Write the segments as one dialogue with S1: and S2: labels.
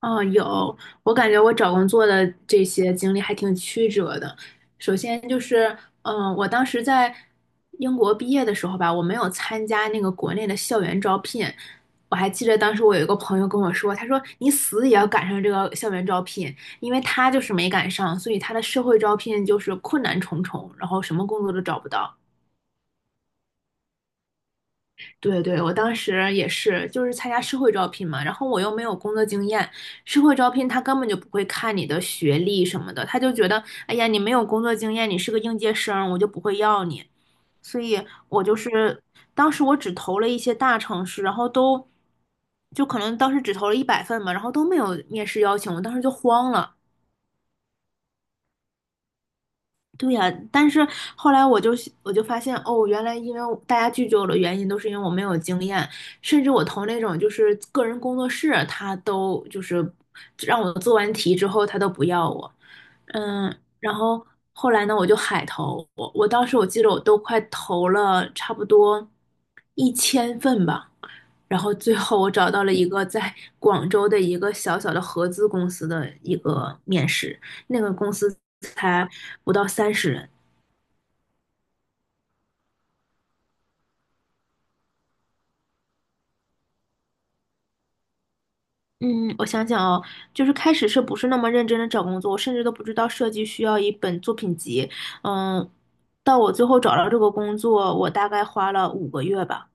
S1: 嗯，有，我感觉我找工作的这些经历还挺曲折的。首先就是，我当时在英国毕业的时候吧，我没有参加那个国内的校园招聘。我还记得当时我有一个朋友跟我说，他说你死也要赶上这个校园招聘，因为他就是没赶上，所以他的社会招聘就是困难重重，然后什么工作都找不到。对对，我当时也是，就是参加社会招聘嘛，然后我又没有工作经验，社会招聘他根本就不会看你的学历什么的，他就觉得，哎呀，你没有工作经验，你是个应届生，我就不会要你。所以我就是当时我只投了一些大城市，然后就可能当时只投了100份嘛，然后都没有面试邀请，我当时就慌了，对呀，但是后来我就发现，哦，原来因为我大家拒绝我的原因都是因为我没有经验，甚至我投那种就是个人工作室，他都就是让我做完题之后，他都不要我。嗯，然后后来呢，我就海投，我当时我记得我都快投了差不多一千份吧，然后最后我找到了一个在广州的一个小小的合资公司的一个面试。那个公司才不到30人。嗯，我想想哦，就是开始是不是那么认真的找工作，我甚至都不知道设计需要一本作品集。嗯，到我最后找到这个工作，我大概花了5个月吧。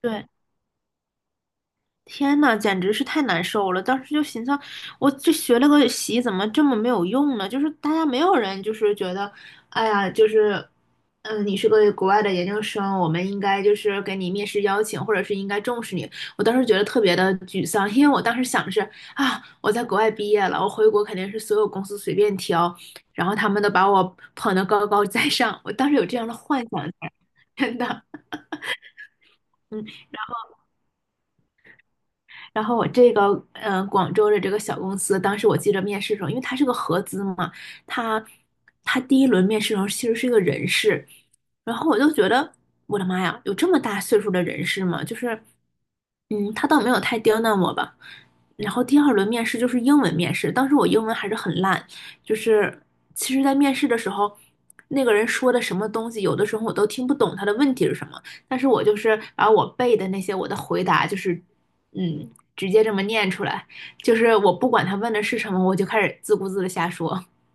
S1: 对，天呐，简直是太难受了！当时就心想，我这学了个习，怎么这么没有用呢？就是大家没有人就是觉得，哎呀，就是，你是个国外的研究生，我们应该就是给你面试邀请，或者是应该重视你。我当时觉得特别的沮丧，因为我当时想的是啊，我在国外毕业了，我回国肯定是所有公司随便挑，然后他们都把我捧得高高在上。我当时有这样的幻想在，真的。嗯。然后我这个广州的这个小公司，当时我记得面试的时候，因为它是个合资嘛，它它第一轮面试的时候其实是一个人事，然后我就觉得我的妈呀，有这么大岁数的人事吗？就是嗯，他倒没有太刁难我吧。然后第二轮面试就是英文面试，当时我英文还是很烂，就是其实在面试的时候。那个人说的什么东西，有的时候我都听不懂他的问题是什么，但是我就是把我背的那些我的回答，就是嗯，直接这么念出来，就是我不管他问的是什么，我就开始自顾自的瞎说。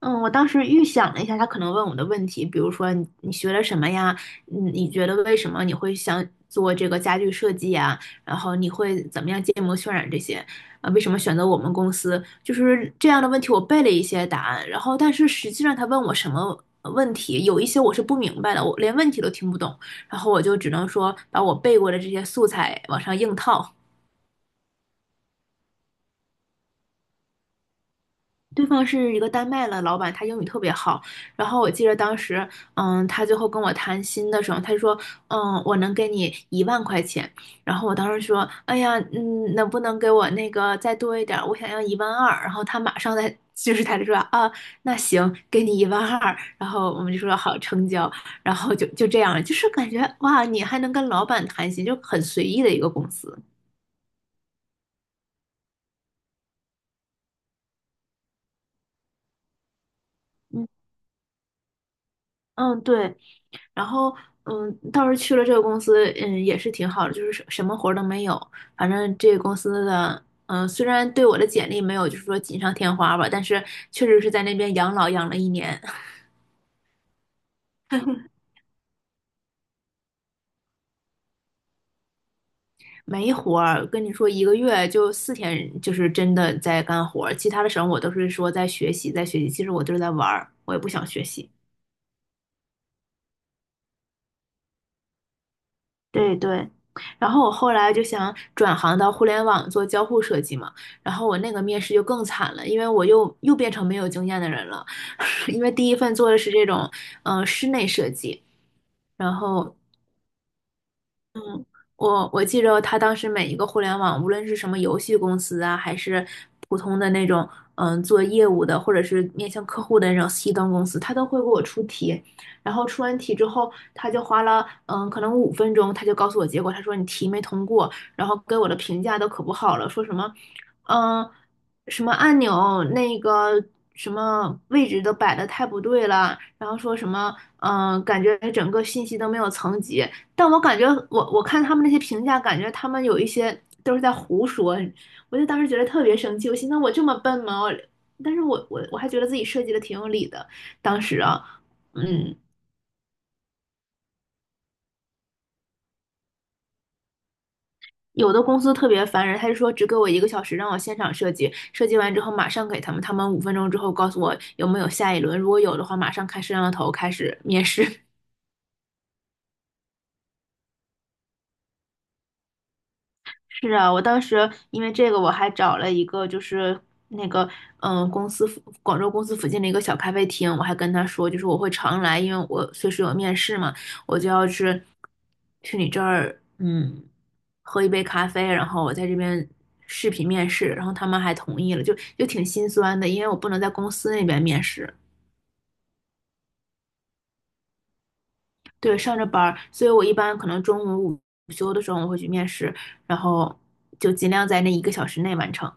S1: 嗯，我当时预想了一下他可能问我的问题，比如说你学了什么呀？你觉得为什么你会想做这个家具设计呀？然后你会怎么样建模渲染这些？啊，为什么选择我们公司？就是这样的问题，我背了一些答案，然后但是实际上他问我什么问题，有一些我是不明白的，我连问题都听不懂，然后我就只能说把我背过的这些素材往上硬套。对方是一个丹麦的老板，他英语特别好。然后我记得当时，他最后跟我谈心的时候，他就说，我能给你1万块钱。然后我当时说，哎呀，能不能给我那个再多一点儿？我想要一万二。然后他马上在 就是他就说，啊，那行，给你一万二。然后我们就说好成交。然后就这样，就是感觉哇，你还能跟老板谈心，就很随意的一个公司。嗯嗯，对，然后，倒是去了这个公司，也是挺好的，就是什么活儿都没有。反正这个公司的，虽然对我的简历没有就是说锦上添花吧，但是确实是在那边养老养了一年，没活儿。跟你说，一个月就四天，就是真的在干活儿，其他的时候我都是说在学习，在学习。其实我就是在玩儿，我也不想学习。对对，然后我后来就想转行到互联网做交互设计嘛，然后我那个面试就更惨了，因为我又变成没有经验的人了，因为第一份做的是这种室内设计，然后我记着他当时每一个互联网，无论是什么游戏公司啊，还是普通的那种做业务的，或者是面向客户的那种 C 端公司，他都会给我出题。然后出完题之后，他就花了可能五分钟，他就告诉我结果，他说你题没通过，然后给我的评价都可不好了，说什么嗯什么按钮那个什么位置都摆的太不对了，然后说什么感觉整个信息都没有层级。但我感觉我看他们那些评价，感觉他们有一些都是在胡说，我就当时觉得特别生气，我心想我这么笨吗？我但是我还觉得自己设计的挺有理的，当时啊，嗯，有的公司特别烦人，他就说只给我一个小时让我现场设计，设计完之后马上给他们，他们五分钟之后告诉我有没有下一轮，如果有的话马上开摄像头开始面试。是啊，我当时因为这个，我还找了一个就是那个公司附广州公司附近的一个小咖啡厅，我还跟他说，就是我会常来，因为我随时有面试嘛，我就要去你这儿喝一杯咖啡，然后我在这边视频面试，然后他们还同意了，就挺心酸的，因为我不能在公司那边面试，对，上着班儿，所以我一般可能中午午休的时候我会去面试，然后就尽量在那一个小时内完成。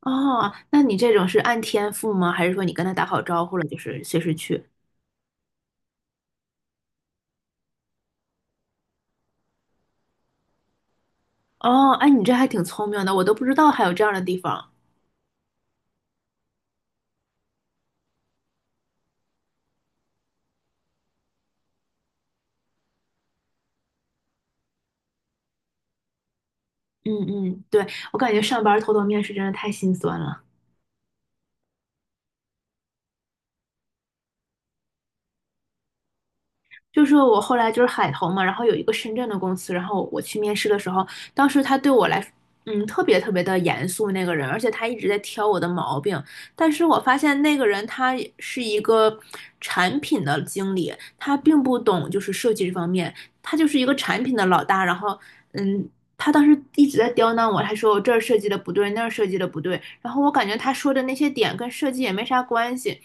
S1: 哦，那你这种是按天付吗？还是说你跟他打好招呼了，就是随时去？哦，哎，你这还挺聪明的，我都不知道还有这样的地方。嗯嗯，对，我感觉上班儿偷偷面试真的太心酸了。就是我后来就是海投嘛，然后有一个深圳的公司，然后我去面试的时候，当时他对我来，特别特别的严肃那个人，而且他一直在挑我的毛病。但是我发现那个人他是一个产品的经理，他并不懂就是设计这方面，他就是一个产品的老大。然后，嗯，他当时一直在刁难我，他说我这儿设计的不对，那儿设计的不对。然后我感觉他说的那些点跟设计也没啥关系。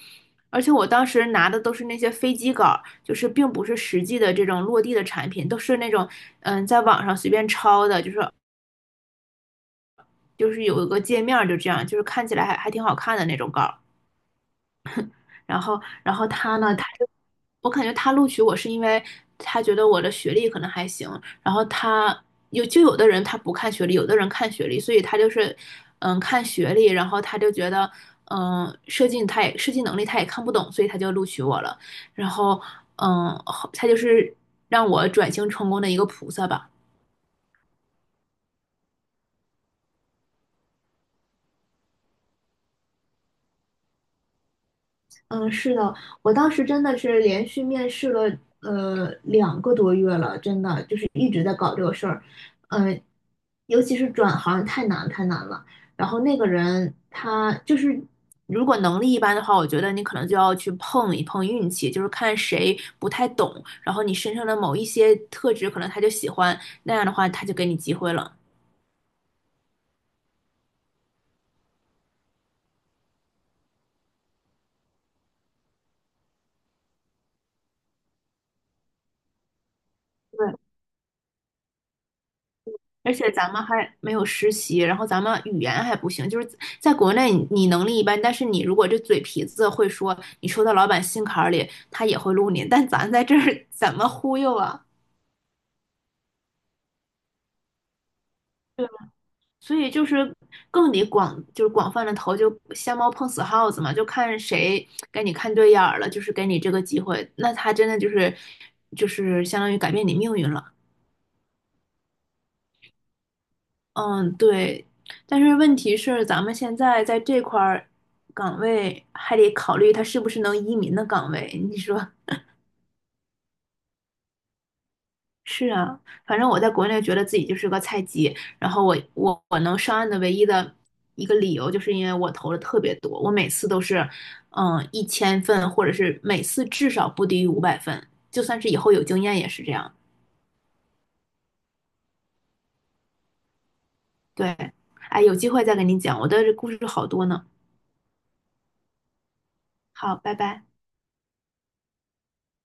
S1: 而且我当时拿的都是那些飞机稿儿就是并不是实际的这种落地的产品，都是那种在网上随便抄的，就是有一个界面儿就这样，就是看起来还挺好看的那种稿儿。然后，他呢，我感觉他录取我是因为他觉得我的学历可能还行，然后他就有的人他不看学历，有的人看学历，所以他就是看学历，然后他就觉得设计能力他也看不懂，所以他就录取我了，然后他就是让我转型成功的一个菩萨吧。嗯，是的，我当时真的是连续面试了2个多月了，真的就是一直在搞这个事儿，嗯、尤其是转行太难太难了。然后那个人他就是如果能力一般的话，我觉得你可能就要去碰一碰运气，就是看谁不太懂，然后你身上的某一些特质可能他就喜欢，那样的话他就给你机会了。对。而且咱们还没有实习，然后咱们语言还不行，就是在国内你能力一般，但是你如果这嘴皮子会说，你说到老板心坎儿里，他也会录你。但咱在这儿 怎么忽悠啊？对吧，所以就是更得广，就是广泛的投，就瞎猫碰死耗子嘛，就看谁给你看对眼儿了，就是给你这个机会，那他真的就是相当于改变你命运了。嗯，对，但是问题是，咱们现在在这块儿岗位还得考虑它是不是能移民的岗位。你说是啊，反正我在国内觉得自己就是个菜鸡，然后我能上岸的唯一的一个理由，就是因为我投的特别多，我每次都是一千份，或者是每次至少不低于500份，就算是以后有经验也是这样。对，哎，有机会再跟你讲，我的故事好多呢。好，拜拜。